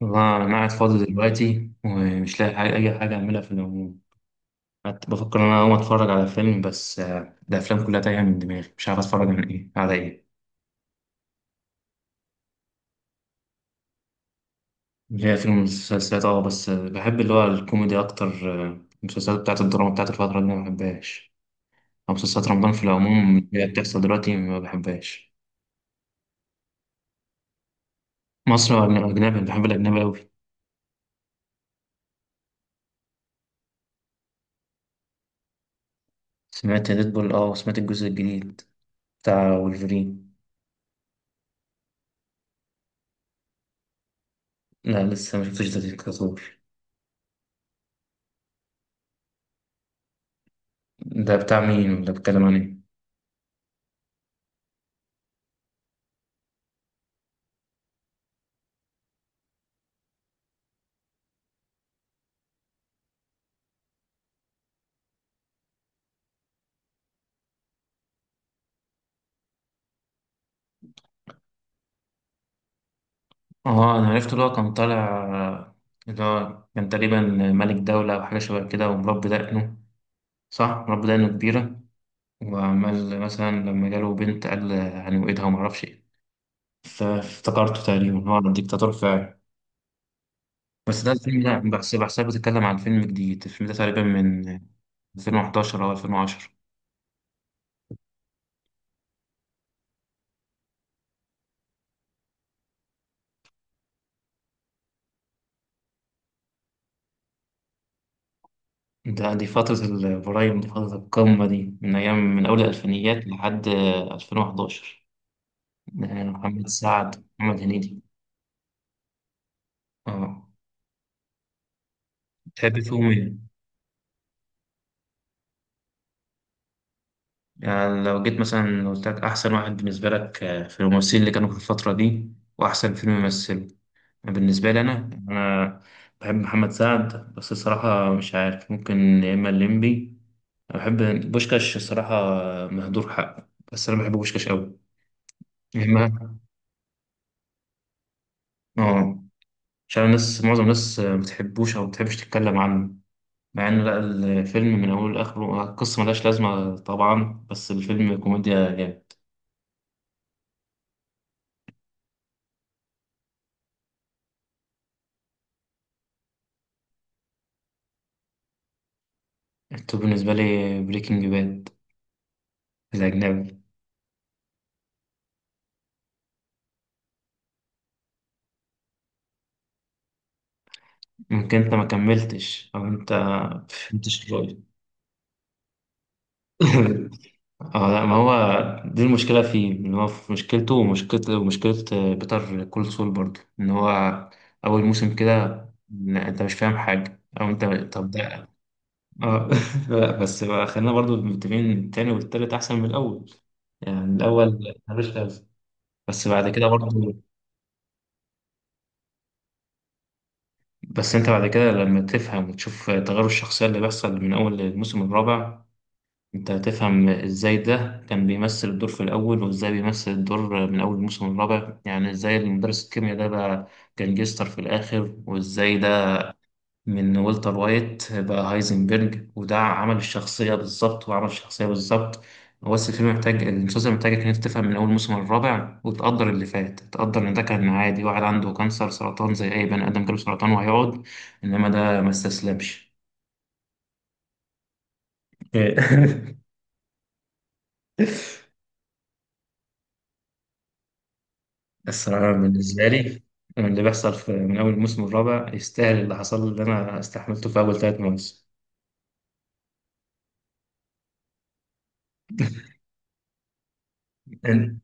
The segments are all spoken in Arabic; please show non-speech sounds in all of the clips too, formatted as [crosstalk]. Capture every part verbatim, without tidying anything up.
والله أنا قاعد فاضي دلوقتي ومش لاقي حاجة أي حاجة أعملها في العموم. قعدت بفكر إن أنا أقوم أتفرج على فيلم بس آه، الأفلام كلها تايهة من دماغي، مش عارف أتفرج عن إيه على إيه. هي فيلم مسلسلات أه بس آه، بحب اللي هو الكوميدي أكتر. آه، المسلسلات بتاعت الدراما بتاعت الفترة دي ما بحبهاش، أو مسلسلات رمضان في العموم اللي هي بتحصل دلوقتي ما بحبهاش. مصري ولا أجنبي، بحب الأجنبي أوي. سمعت ديدبول أه وسمعت الجزء الجديد بتاع وولفرين. لا لسه ما شفتش ده ديكتاتور. ده بتاع مين ولا بيتكلم عن إيه؟ اه انا عرفت اللي هو كان طالع، اللي هو كان تقريبا ملك دولة او حاجة شبه كده ومربي دقنه. صح، مربي دقنه كبيرة، وعمال مثلا لما جاله بنت قال هنوقدها ومعرفش ايه. فافتكرته تقريبا هو عن ديكتاتور فعلا. بس ده الفيلم ده بس بحسها بتتكلم عن فيلم جديد، الفيلم ده تقريبا من ألفين وحداشر او ألفين وعشرة. ده دي فترة البرايم، دي فترة القمة، دي من أيام من أول الألفينيات لحد ألفين وأحد عشر، محمد سعد محمد هنيدي. اه، تحب فيهم ايه؟ يعني لو جيت مثلا قلت لك أحسن واحد بالنسبة لك آه، في الممثلين اللي كانوا في الفترة دي، وأحسن فيلم يمثله. بالنسبة لي أنا أنا بحب محمد سعد، بس الصراحة مش عارف، ممكن يا إما الليمبي. أنا بحب بوشكاش، الصراحة آه، مهدور حقه، بس أنا بحب بوشكاش أوي. يا إما آه، مش عارف الناس، معظم الناس آه، ما بتحبوش أو ما بتحبش تتكلم عنه، مع إن لا، الفيلم من أوله لآخره آه، القصة ملهاش لازمة طبعا، بس الفيلم كوميديا جامد. التوب بالنسبة لي بريكنج باد، الأجنبي. ممكن أنت ما كملتش، أو أنت ما فهمتش الرؤية. [laughs] اه لا، ما هو دي المشكلة فيه إن هو في مشكلته ومشكلة ومشكلة آه، بيتر كول سول برضه، إن هو أول موسم كده لا، أنت مش فاهم حاجة، أو أنت. طب ده، اه [laughs] لا بس بقى خلينا برضه متفقين إن التاني والتالت أحسن من الأول، يعني الأول ملوش لازمة، بس بعد كده برضه. بس انت بعد كده لما تفهم وتشوف تغير الشخصية اللي بيحصل من أول الموسم الرابع، انت هتفهم ازاي ده كان بيمثل الدور في الأول وازاي بيمثل الدور من أول الموسم الرابع، يعني ازاي المدرس الكيمياء ده بقى كان جيستر في الآخر، وازاي ده من والتر وايت بقى هايزنبرج، وده عمل الشخصية بالظبط، وعمل الشخصية بالظبط. هو بس الفيلم محتاج، المسلسل محتاجك إن أنت تفهم من أول موسم الرابع، وتقدر اللي فات، تقدر إن ده كان عادي واحد عنده كانسر سرطان زي أي بني آدم جاله سرطان وهيقعد، إنما ده ما استسلمش. [laughs] الصراحة بالنسبة لي اللي بيحصل في من أول الموسم الرابع يستاهل اللي حصل، اللي أنا استحملته في أول ثلاث مواسم. أنت،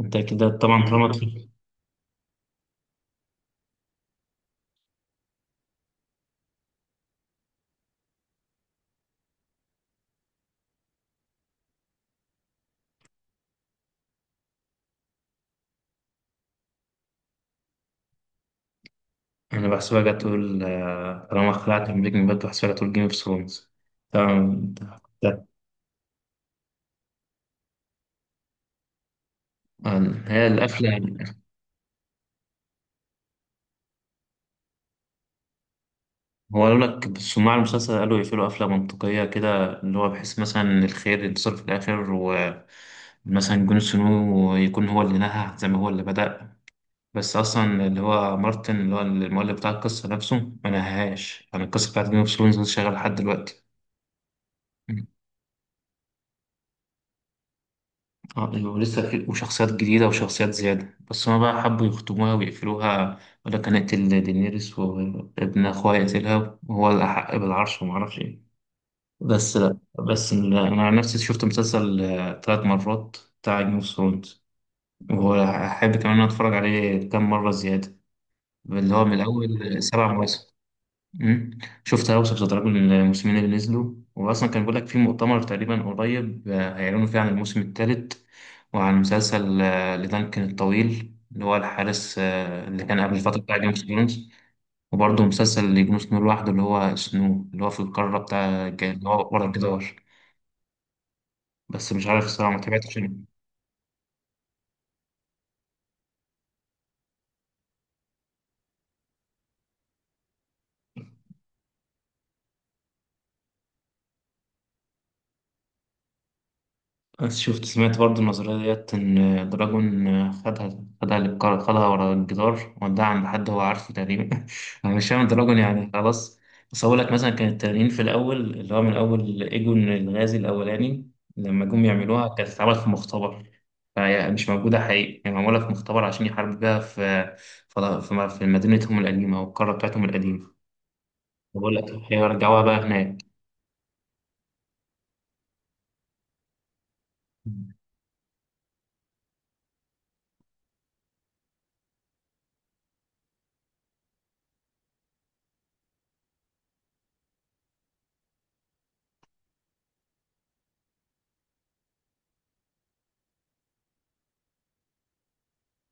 أنت كده طبعا طالما، انا بحسبها جت تقول آه، طالما خلعت من بريكنج باد بحسبها جت تقول جيم اوف ثرونز. تمام. ده- آه، هي القفله يعني. هو قالوا لك صناع المسلسل قالوا يقفلوا قفله منطقيه كده، اللي هو بحيث مثلا إن الخير ينتصر في الاخر، ومثلا جون سنو يكون هو اللي نهى زي ما هو اللي بدأ. بس اصلا اللي هو مارتن اللي هو المؤلف بتاع القصه نفسه ما نهاهاش، يعني القصه بتاعت جيم اوف ثرونز شغاله لحد دلوقتي. اه ايوه، لسه في وشخصيات جديدة وشخصيات زيادة، بس هما بقى حبوا يختموها ويقفلوها، ولا كان يقتل دينيريس وابن أخوها يقتلها وهو الأحق بالعرش ومعرفش ايه. بس لا، بس ال- أنا عن نفسي شفت مسلسل آه، تلات مرات بتاع جيم اوف ثرونز، وأحب كمان إن أنا أتفرج عليه كام مرة زيادة، اللي هو من الأول سبع مواسم. مم. شفت أوسط تتراجم الموسمين اللي نزلوا، وأصلا كان بيقول لك في مؤتمر تقريبا قريب آه، هيعلنوا فيه عن الموسم الثالث، وعن مسلسل آه، لدانكن الطويل اللي هو الحارس آه، اللي كان قبل الفترة بتاع جيم اوف ثرونز. وبرضه مسلسل لجون سنو لوحده، اللي هو سنو اللي هو في القارة بتاع اللي هو ورا الجدار. بس مش عارف الصراحة ما تابعتش يعني. بس شفت، سمعت برضه النظرية ديت إن دراجون خدها، خدها للكار، خدها ورا الجدار وداها عند حد هو عارفه تقريبا. [laughs] أنا مش فاهم دراجون يعني خلاص. بس هقول لك، مثلا كان التنانين في الأول اللي هو من أول إيجون الغازي الأولاني لما جم يعملوها كانت اتعملت في مختبر، فهي مش موجودة حقيقي، هي معمولة في مختبر عشان يحاربوا بيها في في في في مدينتهم القديمة أو القارة بتاعتهم القديمة. بقول لك هيرجعوها بقى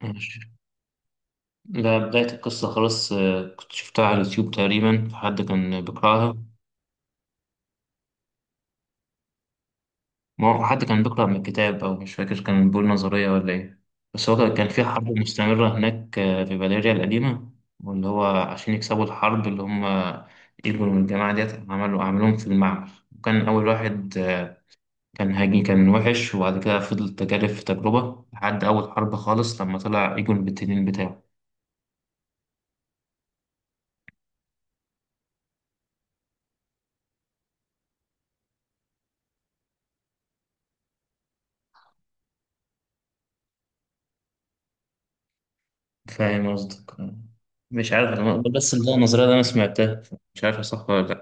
هناك. ده بداية القصة خلاص، آه، كنت شفتها على اليوتيوب تقريبا فحد كان بيقرأها. ما هو حد كان بيقرأ من كتاب، أو مش فاكر كان بيقول نظرية ولا إيه. بس هو كان في حرب مستمرة هناك آه، في فاليريا القديمة، واللي هو عشان يكسبوا الحرب اللي هم إيجول والجماعة ديت عملوا عملوهم في المعمل. وكان أول واحد آه، كان هاجي كان وحش، وبعد كده فضل تجارب في تجربة لحد أول حرب خالص لما طلع إيجول بالتنين بتاعه. فاهم قصدك. مش عارف انا آه. بس اللي هو النظريه ده انا سمعتها، مش عارف صح ولا لا.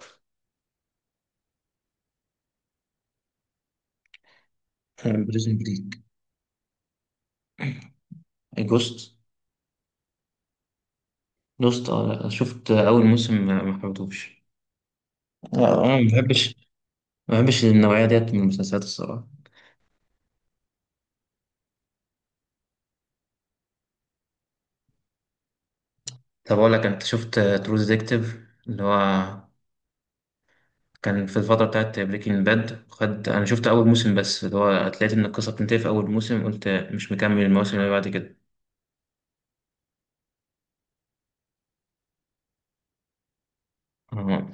بريزن بريك، جوست. جوست اه لا، شفت اول موسم ما ما حبيتهوش. لا، انا ما بحبش، ما بحبش النوعيه ديت من المسلسلات الصراحه. طب اقول لك انت شفت ترو ديتكتيف، اللي هو كان في الفتره بتاعت بريكنج باد، خد انا شفت اول موسم بس، اللي هو لقيت ان القصه بتنتهي في اول موسم، قلت مش مكمل المواسم اللي بعد كده. آه.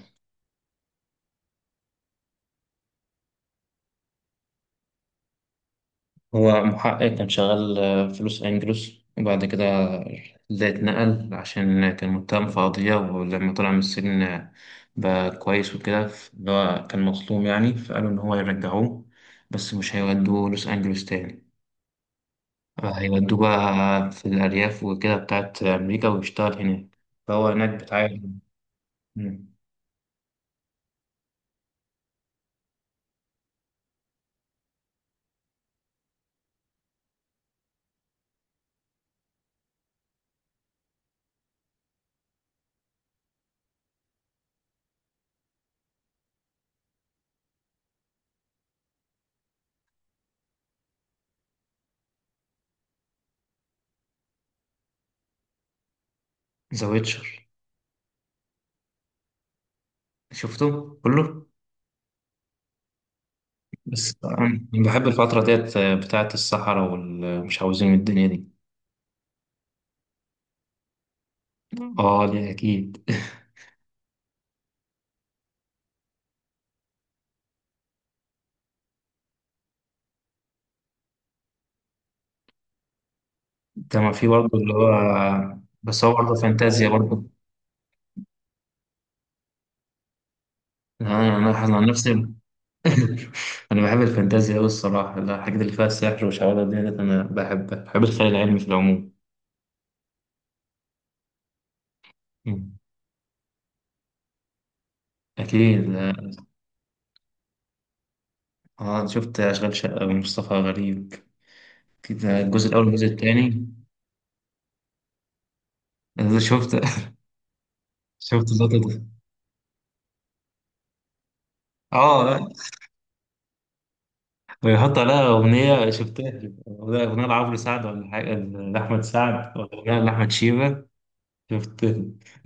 هو محقق كان شغال آه، في لوس أنجلوس، وبعد كده ده اتنقل عشان كان متهم في قضية، ولما طلع من السجن آه، بقى كويس وكده، ف- اللي هو كان مظلوم يعني، فقالوا إن هو يرجعوه، بس مش هيودوه لوس أنجلوس تاني، هيودوه بقى في الأرياف وكده بتاعت أمريكا ويشتغل هناك. فهو هناك بيتعامل. ذا ويتشر، شفته كله. بس آه، أنا بحب الفترة ديت آه، بتاعت الصحراء والمش عاوزين الدنيا دي. اه دي اكيد. [laughs] كما في برضه اللي هو. بس هو برضه فانتازيا برضه. انا انا أنا عن نفسي [laughs] انا بحب الفانتازيا قوي الصراحه، لا، الحاجات اللي فيها السحر والشعوذه ديت انا بحبها، بحب الخيال العلمي في العموم. مم. اكيد. اه أنا شفت اشغال شقه ومصطفى غريب كده، الجزء الاول والجزء الثاني. أنا شفت. [laughs] شفت اللقطه دي. اه، ويحط عليها اغنيه، شفتها اغنيه لعمرو سعد، ولا حاجه لاحمد سعد، ولا اغنيه لاحمد شيبه. شفت؟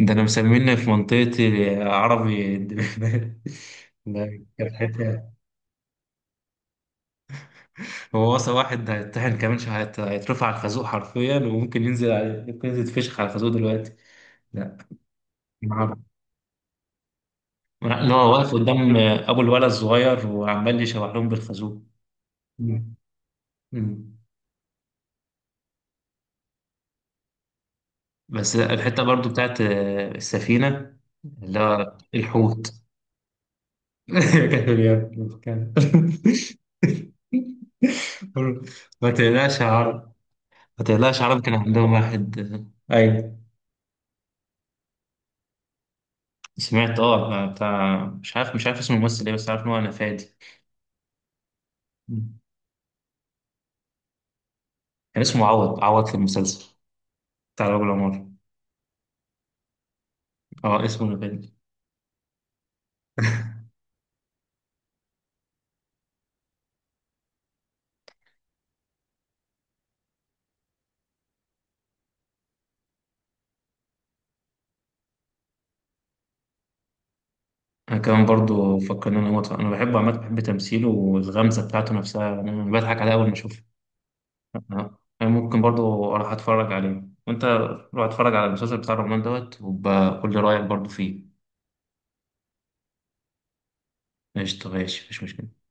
ده انا مسميني في منطقتي عربي. [laughs] ده كانت حته. هو وصل واحد هيتطحن كمان شويه، هيت- هيترفع على الخازوق حرفيا، وممكن ينزل على ممكن ينزل فشخ على الخازوق دلوقتي. لا، عربي، لا لا، هو واقف قدام ابو الولد الصغير وعمال يشوح لهم بالخازوق. مم. مم. بس الحته برضو بتاعت السفينه، اللي هو الحوت. [laughs] كان- ما تقلقش يا عرب، ما تقلقش عربي كان عندهم واحد. آه، ايوه. سمعت اه بتاع، مش عارف، مش عارف اسم الممثل ايه، بس عارف ان هو نفادي. كان اسمه عوض عوض في المسلسل بتاع الراجل عمر. اه اسمه نفادي. انا كمان برضو فكرني انا موت، انا بحبه عامه، بحب تمثيله والغمزه بتاعته نفسها يعني، انا بضحك عليها اول ما اشوفها. آه. انا ممكن برضو اروح اتفرج عليه، وانت روح اتفرج على المسلسل بتاع الرحمن دوت وبقول لي رايك برضو فيه. قشطه، ماشي، مش مشكله.